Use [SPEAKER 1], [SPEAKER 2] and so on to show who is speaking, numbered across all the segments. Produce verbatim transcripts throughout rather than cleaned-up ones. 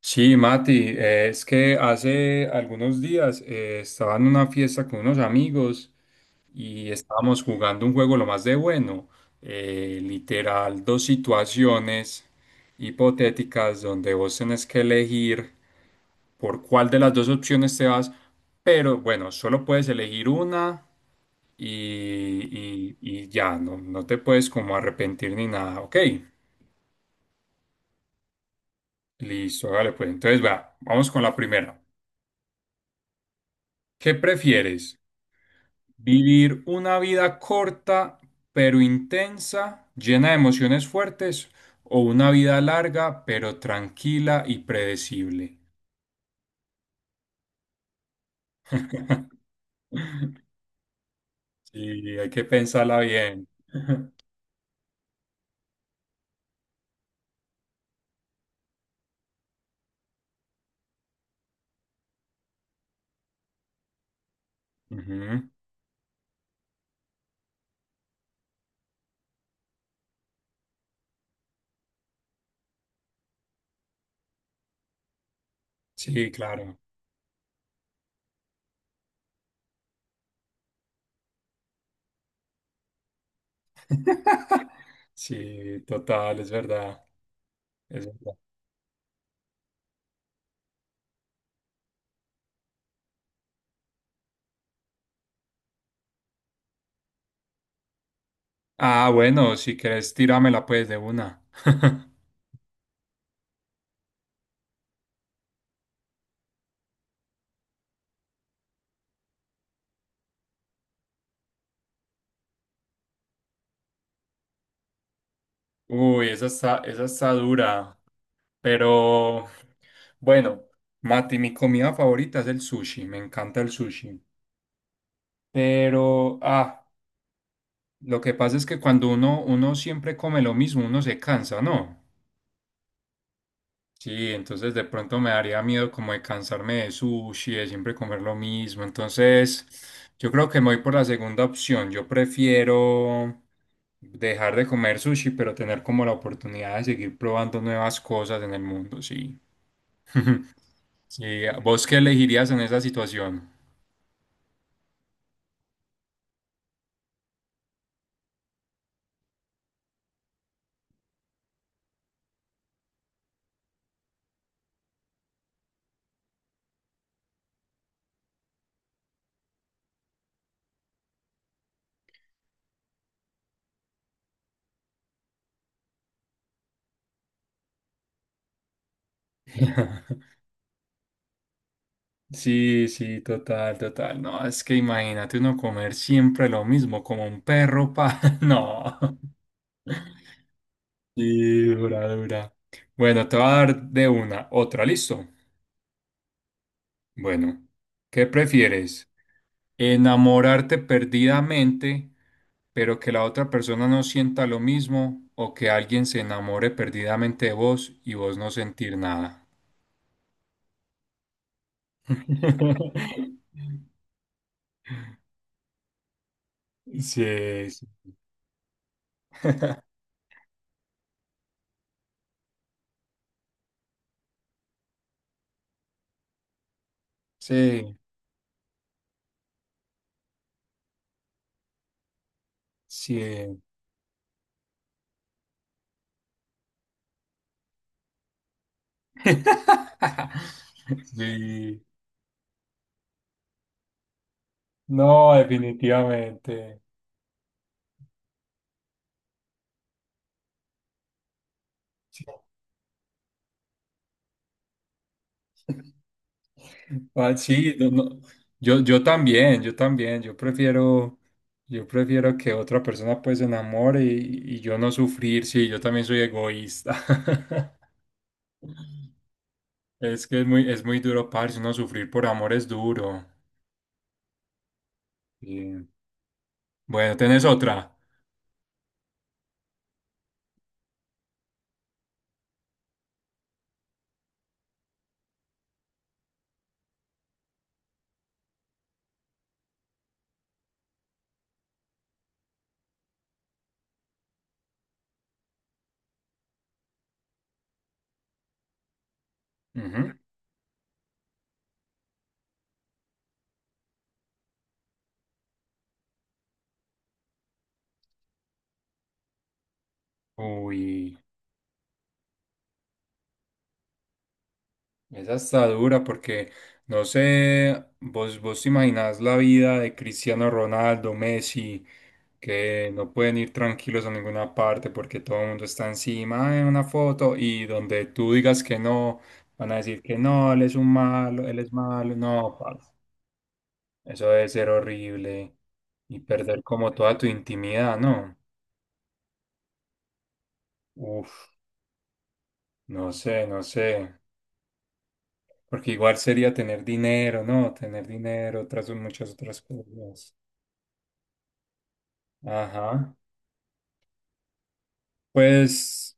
[SPEAKER 1] Sí, Mati, eh, es que hace algunos días eh, estaba en una fiesta con unos amigos y estábamos jugando un juego lo más de bueno, eh, literal, dos situaciones hipotéticas donde vos tenés que elegir por cuál de las dos opciones te vas, pero bueno, solo puedes elegir una y, y- y ya, no, no te puedes como arrepentir ni nada, ok, listo, hágale pues entonces va, vamos con la primera. ¿Qué prefieres? ¿Vivir una vida corta pero intensa, llena de emociones fuertes, o una vida larga pero tranquila y predecible? Sí, hay que pensarla bien. Ujú. Sí, claro. Sí, total, es verdad. Es verdad. Ah, bueno, si querés, tíramela pues de una. Uy, esa está, esa está dura. Pero bueno, Mati, mi comida favorita es el sushi, me encanta el sushi. Pero, ah, lo que pasa es que cuando uno, uno siempre come lo mismo, uno se cansa, ¿no? Sí, entonces de pronto me daría miedo como de cansarme de sushi, de siempre comer lo mismo. Entonces, yo creo que me voy por la segunda opción. Yo prefiero dejar de comer sushi, pero tener como la oportunidad de seguir probando nuevas cosas en el mundo, sí. Sí, ¿vos qué elegirías en esa situación? Sí, sí, total, total. No, es que imagínate uno comer siempre lo mismo, como un perro, pa. No. Y dura, dura. Bueno, te voy a dar de una, otra, ¿listo? Bueno, ¿qué prefieres? ¿Enamorarte perdidamente, pero que la otra persona no sienta lo mismo? ¿O que alguien se enamore perdidamente de vos y vos no sentir nada? Sí, sí, sí. Sí. Sí, no, definitivamente. Sí. Ah, sí, no, no. Yo, yo también, yo también, yo prefiero, yo prefiero que otra persona pues se enamore y, y yo no sufrir, sí, yo también soy egoísta. Es que es muy, es muy duro, parce, uno sufrir por amor es duro. Y, bueno, ¿tenés otra? Ujú. Uy, esa está dura porque, no sé, vos, vos te imaginás la vida de Cristiano Ronaldo, Messi, que no pueden ir tranquilos a ninguna parte porque todo el mundo está encima de una foto y donde tú digas que no, van a decir que no, él es un malo, él es malo, no, parce. Eso debe ser horrible y perder como toda tu intimidad, ¿no? Uf, no sé, no sé, porque igual sería tener dinero, ¿no? Tener dinero, otras muchas otras cosas. Ajá. Pues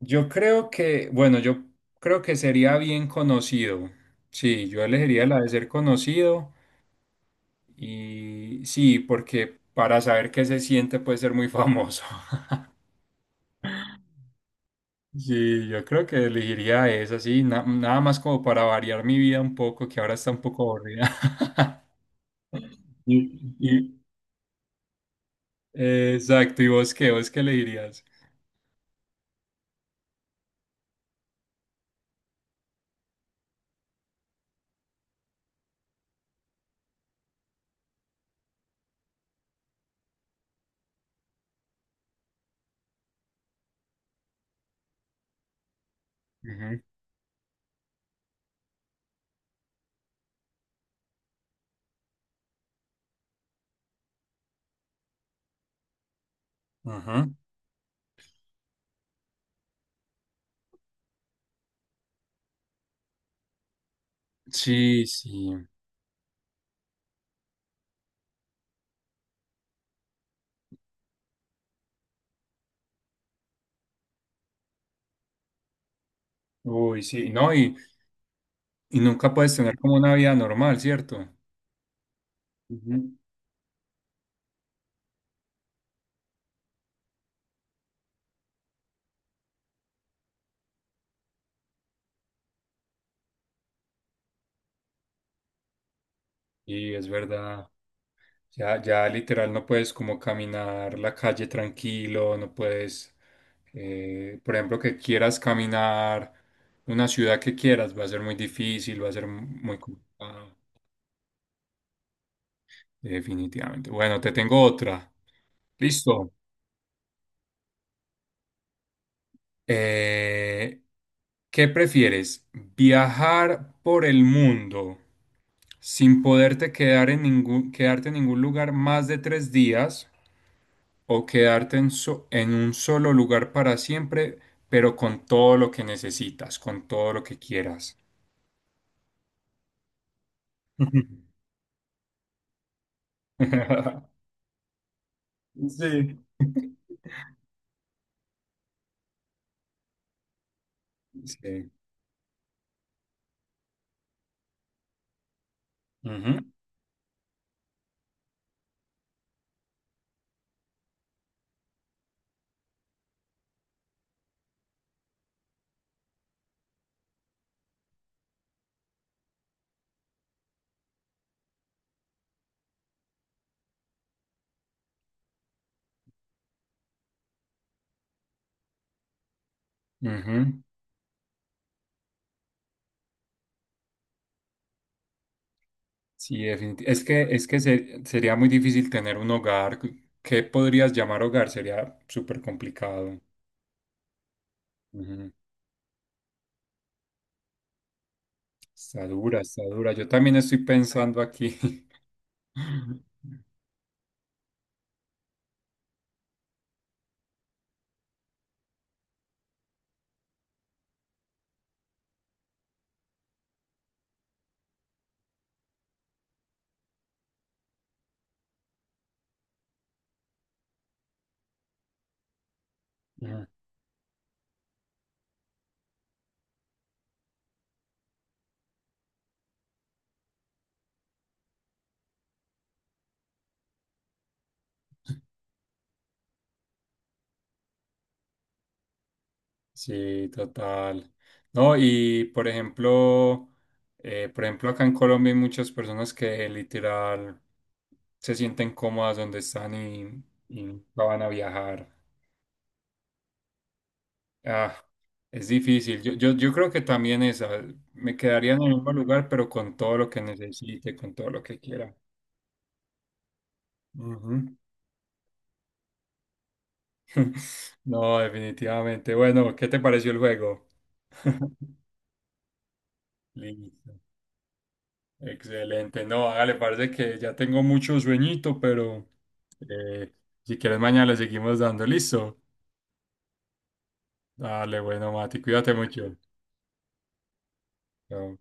[SPEAKER 1] yo creo que, bueno, yo creo que sería bien conocido. Sí, yo elegiría la de ser conocido y sí, porque para saber qué se siente puede ser muy famoso. Sí, yo creo que elegiría esa, sí, na- nada más como para variar mi vida un poco, que ahora está un poco aburrida. Y, y- eh, exacto, ¿y vos qué? ¿Vos qué elegirías? Ujú. Ajá. Sí, sí. Uy, sí, no, y, y nunca puedes tener como una vida normal, ¿cierto? Ujú. Y es verdad, ya, ya literal no puedes como caminar la calle tranquilo, no puedes, eh, por ejemplo, que quieras caminar una ciudad que quieras, va a ser muy difícil, va a ser muy complicado, definitivamente. Bueno, te tengo otra. Listo. Eh, ¿qué prefieres? ¿Viajar por el mundo sin poderte quedar en ningún, quedarte en ningún lugar más de tres días o quedarte en, so- en un solo lugar para siempre, pero con todo lo que necesitas, con todo lo que quieras? Sí. Sí. Ujú, ujú. Sí, definitivamente. Es que, es que se- sería muy difícil tener un hogar. ¿Qué podrías llamar hogar? Sería súper complicado. Ujú. Está dura, está dura. Yo también estoy pensando aquí. Ujú. Sí, total. No, y por ejemplo, eh, por ejemplo, acá en Colombia hay muchas personas que literal se sienten cómodas donde están y, y no van a viajar. Ah, es difícil. Yo, yo, yo creo que también esa. Me quedaría en el mismo lugar, pero con todo lo que necesite, con todo lo que quiera. Ujú. No, definitivamente. Bueno, ¿qué te pareció el juego? Listo. Excelente. No, hágale, parece que ya tengo mucho sueñito, pero eh, si quieres mañana le seguimos dando. Listo. Dale, bueno, Mati, cuídate mucho. Chao.